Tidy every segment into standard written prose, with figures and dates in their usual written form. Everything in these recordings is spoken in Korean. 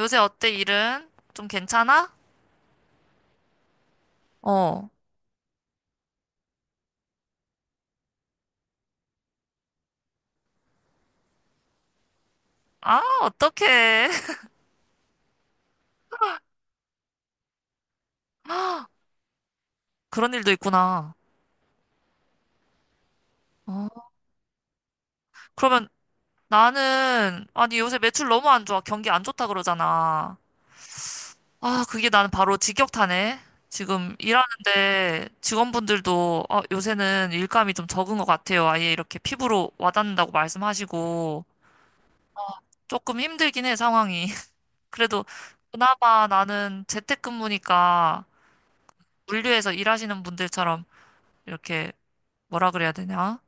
요새 어때, 일은? 좀 괜찮아? 어. 아, 어떡해. 그런 일도 있구나. 어. 그러면 나는, 아니, 요새 매출 너무 안 좋아. 경기 안 좋다 그러잖아. 아, 그게 나는 바로 직격타네. 지금 일하는데 직원분들도, 요새는 일감이 좀 적은 것 같아요. 아예 이렇게 피부로 와닿는다고 말씀하시고. 조금 힘들긴 해, 상황이. 그래도 그나마 나는 재택근무니까 물류에서 일하시는 분들처럼 이렇게 뭐라 그래야 되냐?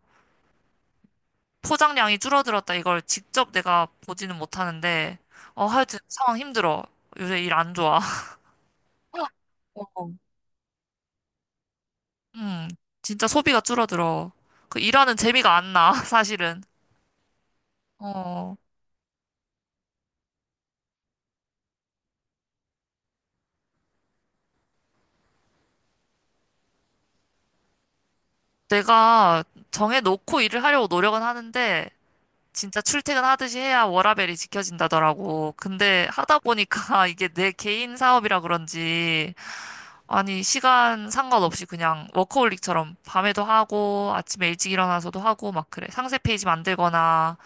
포장량이 줄어들었다. 이걸 직접 내가 보지는 못하는데, 하여튼 상황 힘들어. 요새 일 안 좋아. 어. 음, 진짜 소비가 줄어들어. 그 일하는 재미가 안 나, 사실은. 어, 내가 정해놓고 일을 하려고 노력은 하는데, 진짜 출퇴근하듯이 해야 워라밸이 지켜진다더라고. 근데 하다 보니까 이게 내 개인 사업이라 그런지, 아니, 시간 상관없이 그냥 워커홀릭처럼 밤에도 하고, 아침에 일찍 일어나서도 하고, 막 그래. 상세 페이지 만들거나,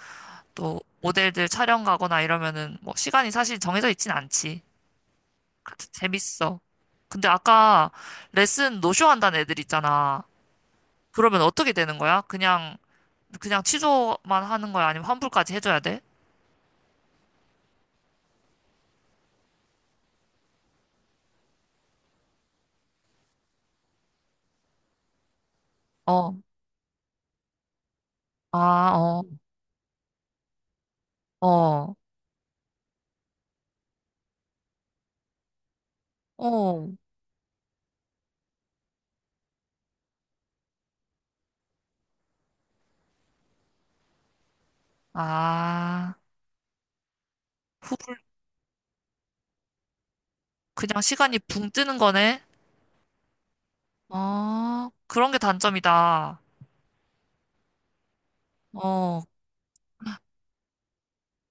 또 모델들 촬영 가거나 이러면은, 뭐, 시간이 사실 정해져 있진 않지. 그래도 재밌어. 근데 아까 레슨 노쇼 한다는 애들 있잖아. 그러면 어떻게 되는 거야? 그냥, 그냥 취소만 하는 거야? 아니면 환불까지 해줘야 돼? 어, 아, 어, 어, 어, 아, 후불, 그냥 시간이 붕 뜨는 거네? 아, 그런 게 단점이다. 어,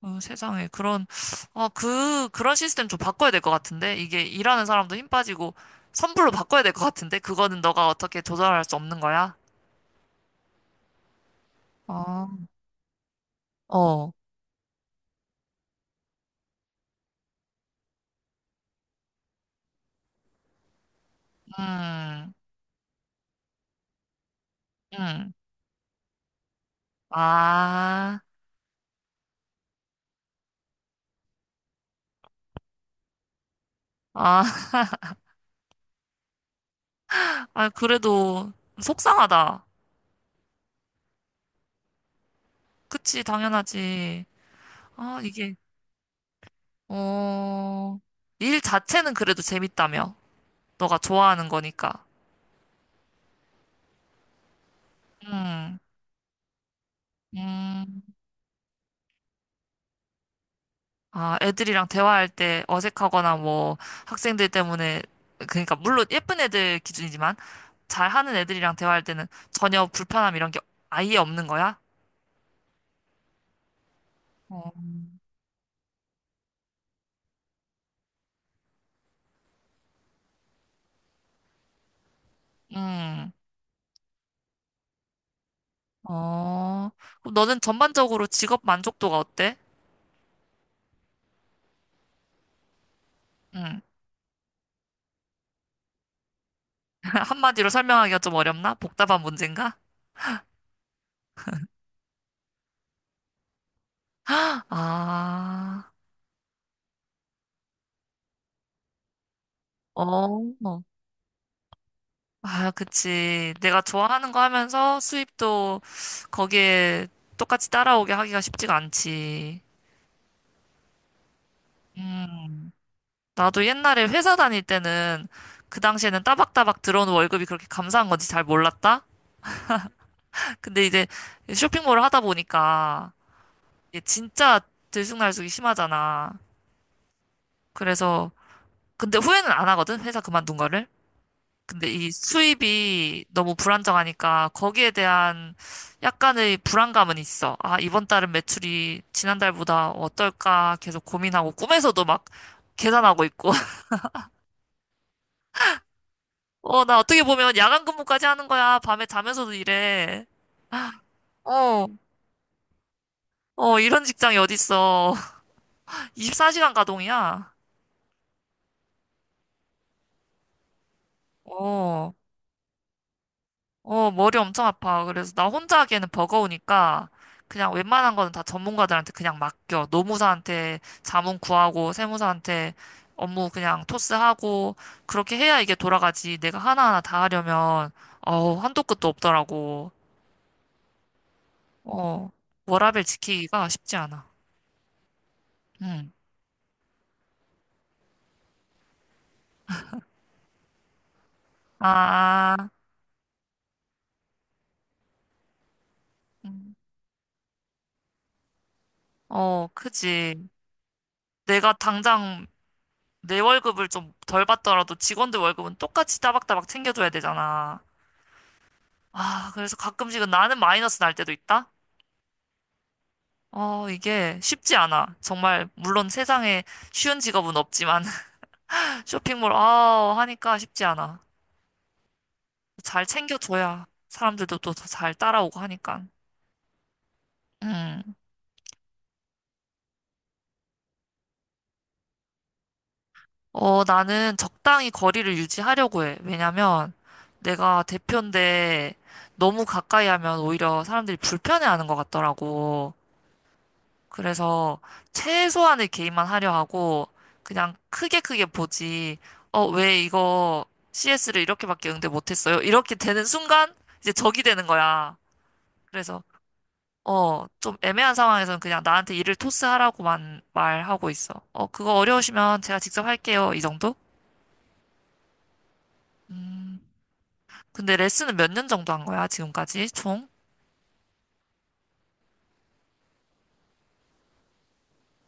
어, 세상에. 그런, 아, 그, 그런 시스템 좀 바꿔야 될 것 같은데? 이게 일하는 사람도 힘 빠지고, 선불로 바꿔야 될 것 같은데? 그거는 너가 어떻게 조절할 수 없는 거야? 어, 어, 음, 음. 아, 아, 아, 그래도 속상하다. 그치, 당연하지. 아, 이게, 어, 일 자체는 그래도 재밌다며. 너가 좋아하는 거니까. 음, 음. 아, 애들이랑 대화할 때 어색하거나 뭐 학생들 때문에 그러니까 물론 예쁜 애들 기준이지만 잘하는 애들이랑 대화할 때는 전혀 불편함 이런 게 아예 없는 거야? 어, 음, 어, 그럼 너는 전반적으로 직업 만족도가 어때? 음, 한마디로 설명하기가 좀 어렵나? 복잡한 문제인가? 아, 어, 어. 아, 그치. 내가 좋아하는 거 하면서 수입도 거기에 똑같이 따라오게 하기가 쉽지가 않지. 음. 나도 옛날에 회사 다닐 때는 그 당시에는 따박따박 들어오는 월급이 그렇게 감사한 건지 잘 몰랐다? 근데 이제 쇼핑몰을 하다 보니까 이게 진짜 들쑥날쑥이 심하잖아. 그래서 근데 후회는 안 하거든, 회사 그만둔 거를. 근데 이 수입이 너무 불안정하니까 거기에 대한 약간의 불안감은 있어. 아, 이번 달은 매출이 지난달보다 어떨까 계속 고민하고 꿈에서도 막 계산하고 있고. 어, 나 어떻게 보면 야간 근무까지 하는 거야. 밤에 자면서도 일해. 어, 어, 이런 직장이 어딨어. 24시간 가동이야. 어, 어, 머리 엄청 아파. 그래서 나 혼자 하기에는 버거우니까 그냥 웬만한 거는 다 전문가들한테 그냥 맡겨. 노무사한테 자문 구하고, 세무사한테 업무 그냥 토스하고, 그렇게 해야 이게 돌아가지. 내가 하나하나 다 하려면, 어우, 한도 끝도 없더라고. 어, 워라밸 지키기가 쉽지 않아. 응. 아. 음. 어, 그지. 내가 당장 내 월급을 좀 덜 받더라도 직원들 월급은 똑같이 따박따박 챙겨줘야 되잖아. 아, 그래서 가끔씩은 나는 마이너스 날 때도 있다? 어, 이게 쉽지 않아. 정말, 물론 세상에 쉬운 직업은 없지만 쇼핑몰, 아, 하니까 쉽지 않아. 잘 챙겨줘야 사람들도 또 잘 따라오고 하니까. 음. 어, 나는 적당히 거리를 유지하려고 해. 왜냐면 내가 대표인데 너무 가까이 하면 오히려 사람들이 불편해하는 것 같더라고. 그래서 최소한의 개입만 하려 하고 그냥 크게 크게 보지. 어, 왜 이거 CS를 이렇게밖에 응대 못했어요? 이렇게 되는 순간 이제 적이 되는 거야. 그래서 좀 애매한 상황에서는 그냥 나한테 일을 토스하라고만 말하고 있어. 어, 그거 어려우시면 제가 직접 할게요. 이 정도? 음. 근데 레슨은 몇 년 정도 한 거야, 지금까지? 총?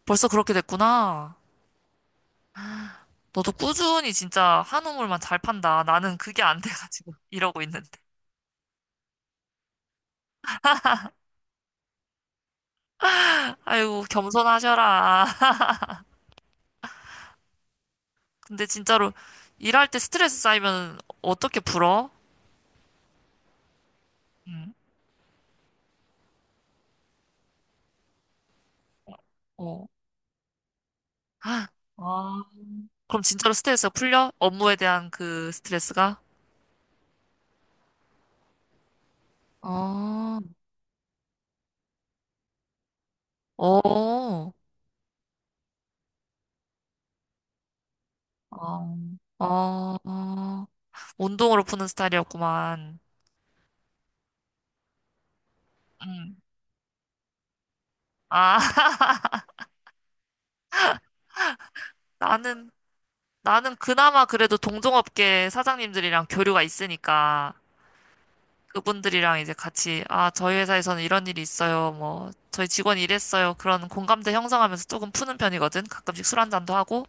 벌써 그렇게 됐구나. 너도 꾸준히 진짜 한 우물만 잘 판다. 나는 그게 안 돼가지고 이러고 있는데. 아이고, 겸손하셔라. 근데 진짜로 일할 때 스트레스 쌓이면 어떻게 풀어? 응, 어. 아, 그럼 진짜로 스트레스가 풀려? 업무에 대한 그 스트레스가? 어, 어, 어, 어, 어. 운동으로 푸는 스타일이었구만. 응. 아, 나는 나는 그나마 그래도 동종업계 사장님들이랑 교류가 있으니까 그분들이랑 이제 같이 아, 저희 회사에서는 이런 일이 있어요. 뭐 저희 직원이 이랬어요. 그런 공감대 형성하면서 조금 푸는 편이거든. 가끔씩 술 한잔도 하고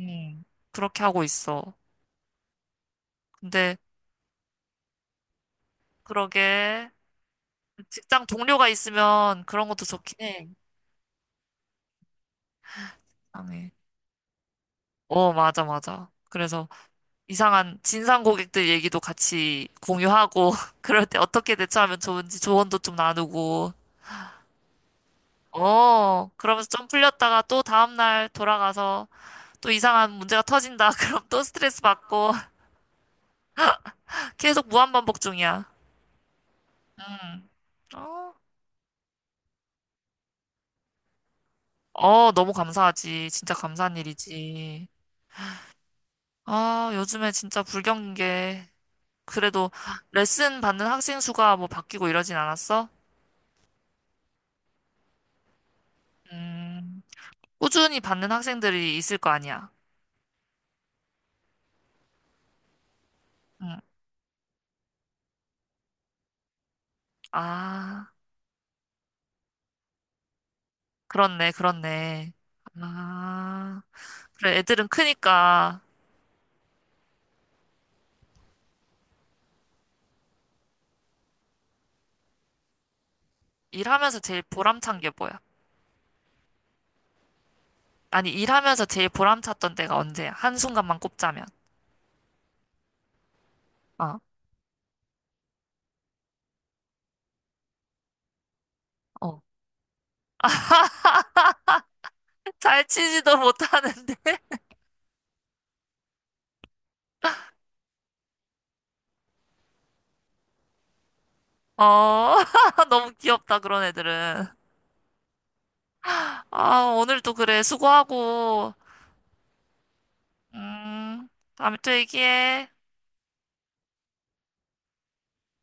음. 그렇게 하고 있어. 근데 그러게 직장 동료가 있으면 그런 것도 좋긴 해. 이상해. 어, 맞아, 맞아. 그래서 이상한 진상 고객들 얘기도 같이 공유하고 그럴 때 어떻게 대처하면 좋은지 조언도 좀 나누고 어, 그러면서 좀 풀렸다가 또 다음날 돌아가서 또 이상한 문제가 터진다. 그럼 또 스트레스 받고 계속 무한반복 중이야. 음. 어, 어, 너무 감사하지. 진짜 감사한 일이지. 아, 요즘에 진짜 불경인 게 그래도 레슨 받는 학생 수가 뭐 바뀌고 이러진 않았어? 음, 꾸준히 받는 학생들이 있을 거 아니야. 음. 아, 그렇네, 그렇네. 아, 그래, 애들은 크니까. 일하면서 제일 보람찬 게 뭐야? 아니, 일하면서 제일 보람찼던 때가 언제야? 한순간만 꼽자면. 어. 어. 잘 치지도 못하는데. 어, 너무 귀엽다, 그런 애들은. 아, 오늘도 그래. 수고하고. 음, 다음에 또 얘기해.